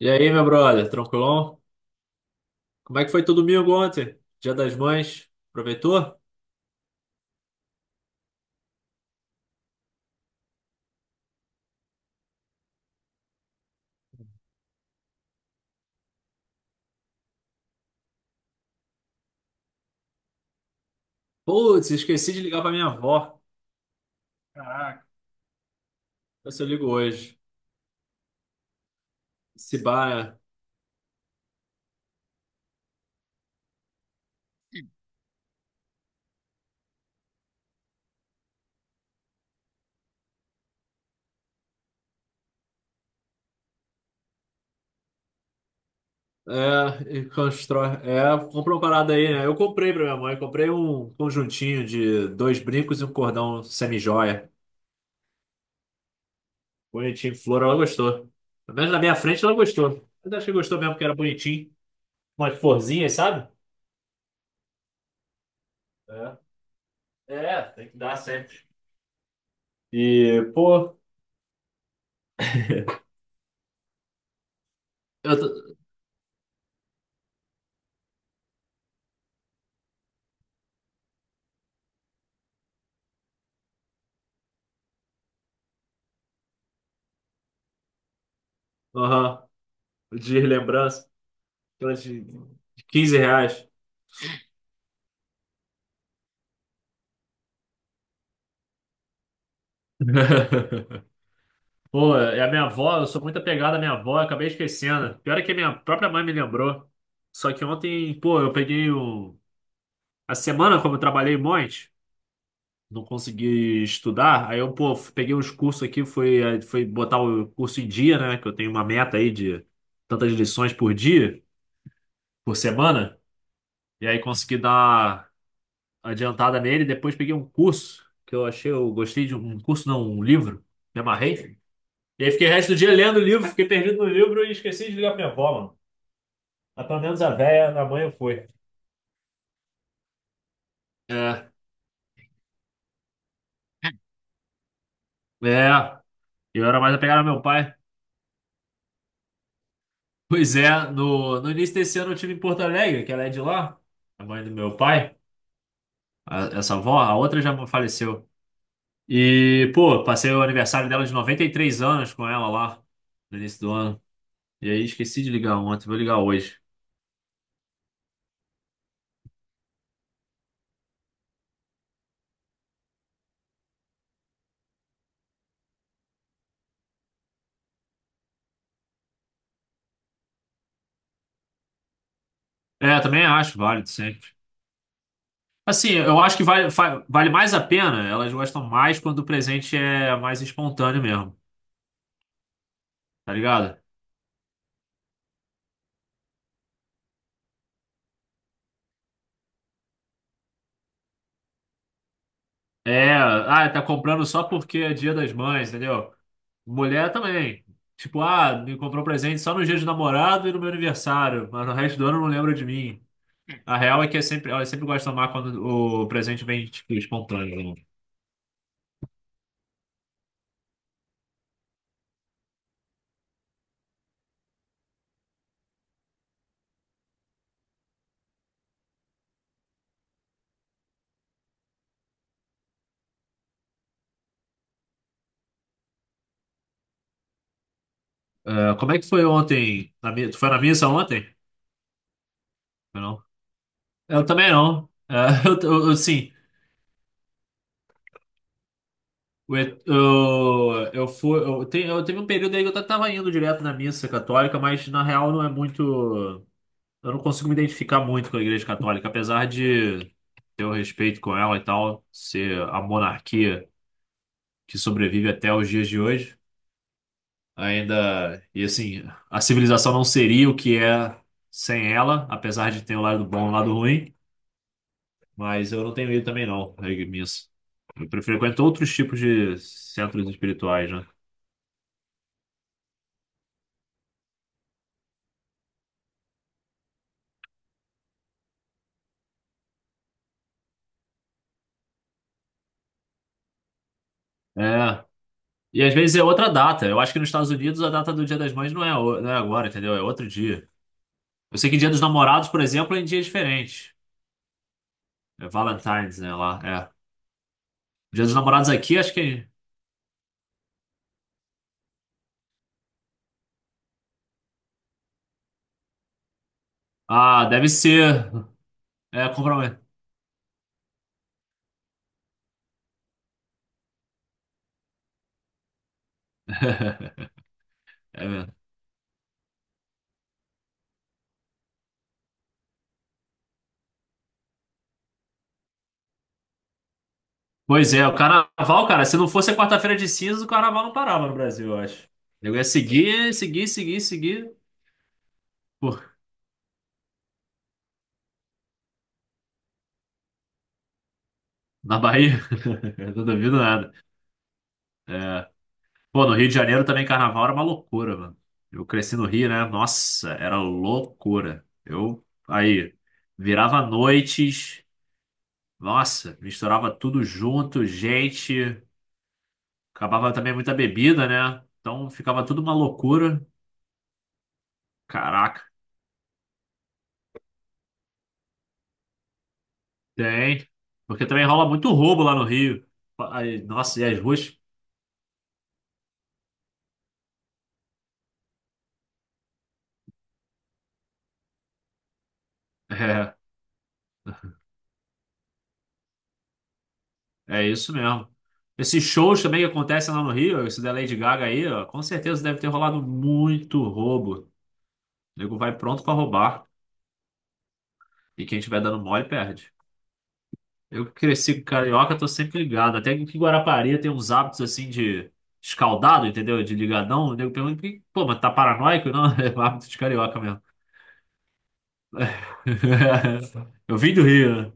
E aí, meu brother, tranquilão? Como é que foi teu domingo ontem? Dia das Mães? Aproveitou? Putz, esqueci de ligar pra minha avó. Caraca, vê se eu ligo hoje. Se bar, né? É, e constrói. É, comprou uma parada aí, né? Eu comprei pra minha mãe, comprei um conjuntinho de dois brincos e um cordão semi-joia. Bonitinho, flor, ela gostou. Pelo menos na minha frente ela gostou. Mas acho que gostou mesmo, porque era bonitinho. Umas florzinhas, sabe? É, é, tem que dar sempre. E, pô, eu tô... Aham. De lembrança, aquelas de 15 reais. Pô, é a minha avó, eu sou muito apegado à minha avó, eu acabei esquecendo. Pior é que a minha própria mãe me lembrou. Só que ontem, pô, eu peguei um... A semana, como eu trabalhei um monte, não consegui estudar, aí eu, pô, peguei uns cursos aqui, fui, aí fui botar o curso em dia, né? Que eu tenho uma meta aí de tantas lições por dia, por semana. E aí consegui dar adiantada nele. Depois peguei um curso que eu achei, eu gostei de um curso, não, um livro. Me amarrei. E aí fiquei o resto do dia lendo o livro, fiquei perdido no livro e esqueci de ligar pra minha avó, mano. Mas pelo menos a véia na manhã foi. É, é. Eu era mais apegado ao meu pai. Pois é, no início desse ano eu tive em Porto Alegre, que ela é de lá, a mãe do meu pai, essa avó, a outra já faleceu. E, pô, passei o aniversário dela de 93 anos com ela lá, no início do ano. E aí esqueci de ligar ontem, vou ligar hoje. É, também acho válido sempre. Assim, eu acho que vale, vale mais a pena, elas gostam mais quando o presente é mais espontâneo mesmo, tá ligado? É, ah, tá comprando só porque é Dia das Mães, entendeu? Mulher também. Tipo, ah, me comprou um presente só no dia de namorado e no meu aniversário, mas no resto do ano não lembra de mim. A real é que é sempre, elas sempre gostam mais quando o presente vem, tipo, espontâneo, né? É, como é que foi ontem? Tu foi na missa ontem? Foi. Não. Eu também não. É, eu, sim. Eu fui, eu teve um período aí que eu tava indo direto na missa católica, mas na real não é muito. Eu não consigo me identificar muito com a Igreja Católica, apesar de ter o respeito com ela e tal, ser a monarquia que sobrevive até os dias de hoje. Ainda. E assim, a civilização não seria o que é sem ela, apesar de ter o lado bom e o lado ruim, mas eu não tenho ido também não, à missa. Eu frequento outros tipos de centros espirituais, né? É. E às vezes é outra data. Eu acho que nos Estados Unidos a data do Dia das Mães não é, não é agora, entendeu? É outro dia. Eu sei que Dia dos Namorados, por exemplo, é em dia diferente. É Valentine's, né? Lá, é. Dia dos Namorados aqui, acho que. Ah, deve ser. É, comprometo. É mesmo. Pois é, o carnaval, cara, se não fosse a quarta-feira de cinzas, o carnaval não parava no Brasil, eu acho. Eu ia seguir, seguir, seguir, seguir. Pô, na Bahia, eu não duvido nada. Pô, no Rio de Janeiro também carnaval era uma loucura, mano. Eu cresci no Rio, né? Nossa, era loucura. Eu aí virava noites, nossa, misturava tudo junto, gente, acabava também muita bebida, né? Então ficava tudo uma loucura. Caraca, tem. Porque também rola muito roubo lá no Rio. Aí, nossa, e as ruas? É, é isso mesmo. Esses shows também que acontecem lá no Rio, esse da Lady Gaga aí, ó, com certeza deve ter rolado muito roubo. O nego vai pronto pra roubar. E quem tiver dando mole perde. Eu que cresci com carioca, tô sempre ligado. Até que Guarapari tem uns hábitos assim de escaldado, entendeu? De ligadão. O nego pergunta: "Pô, mas tá paranoico?" Não, é um hábito de carioca mesmo. Eu vim do Rio,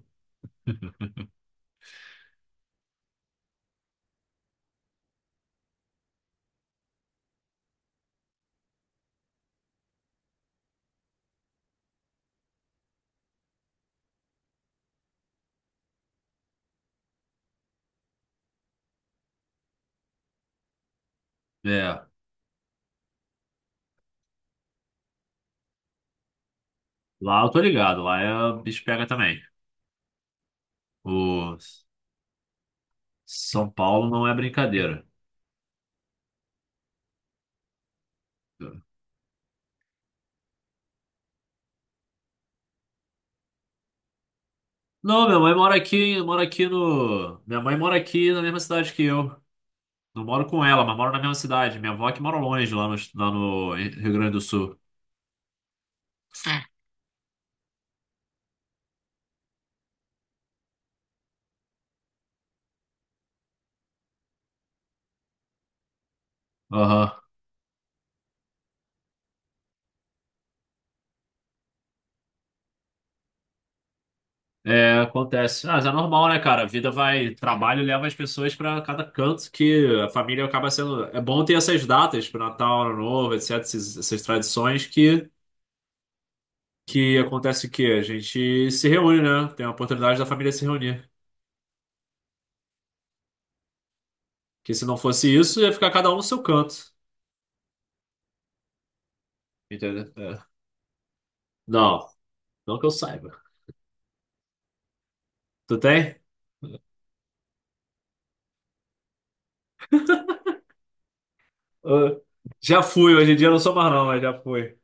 né? É, lá eu tô ligado, lá é o bicho pega também. O São Paulo não é brincadeira. Não, minha mãe mora aqui no. Minha mãe mora aqui na mesma cidade que eu. Não moro com ela, mas moro na mesma cidade. Minha avó é que mora longe, lá no Rio Grande do Sul. Aham. É, acontece. Ah, mas é normal, né, cara? A vida vai, trabalho leva as pessoas pra cada canto que a família acaba sendo. É bom ter essas datas, pro Natal, Ano Novo, etc., essas tradições que acontece o quê? A gente se reúne, né? Tem a oportunidade da família se reunir. Que se não fosse isso, ia ficar cada um no seu canto. Entendeu? É. Não, não que eu saiba. Tu tem? Ah, já fui, hoje em dia eu não sou mais não, mas já fui.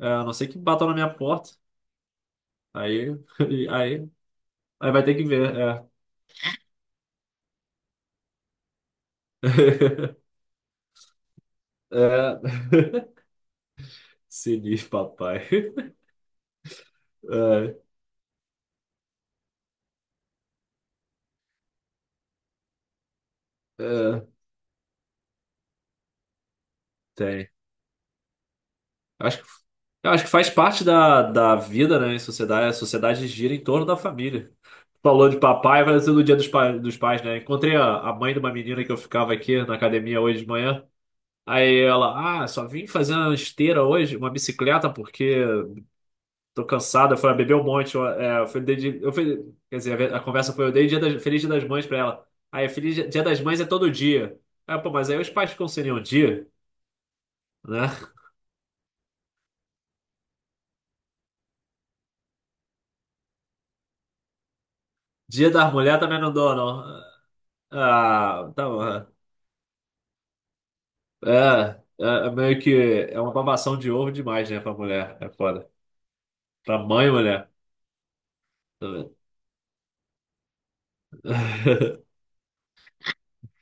É, a não ser que batam na minha porta. Aí, aí, aí vai ter que ver. É. É. Sinistro, papai. É, é, tem. Eu Acho que, eu acho que faz parte da vida, né, em sociedade. A sociedade gira em torno da família. Falou de papai, vai ser no dia dos pais, né? Encontrei a mãe de uma menina que eu ficava aqui na academia hoje de manhã. Aí ela, ah, só vim fazer uma esteira hoje, uma bicicleta, porque tô cansado, foi beber um monte. Eu fui, quer dizer, a, conversa foi: eu dei Feliz Dia das Mães pra ela. Aí, Feliz Dia das Mães é todo dia. Aí, pô, mas aí os pais ficam sem nenhum dia, né? Dia das Mulheres também não dou, não. Ah, tá bom. É, é, é meio que é uma babação de ovo demais, né, pra mulher. É foda. Pra mãe, mulher. Tá vendo?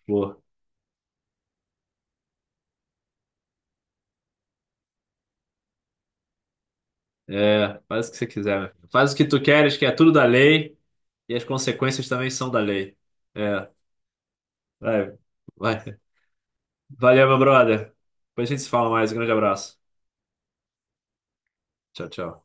Pô, é, faz o que você quiser, meu filho. Faz o que tu queres, que é tudo da lei, e as consequências também são da lei. É, vai, vai. Valeu, meu brother. Depois a gente se fala mais. Um grande abraço. Tchau, tchau.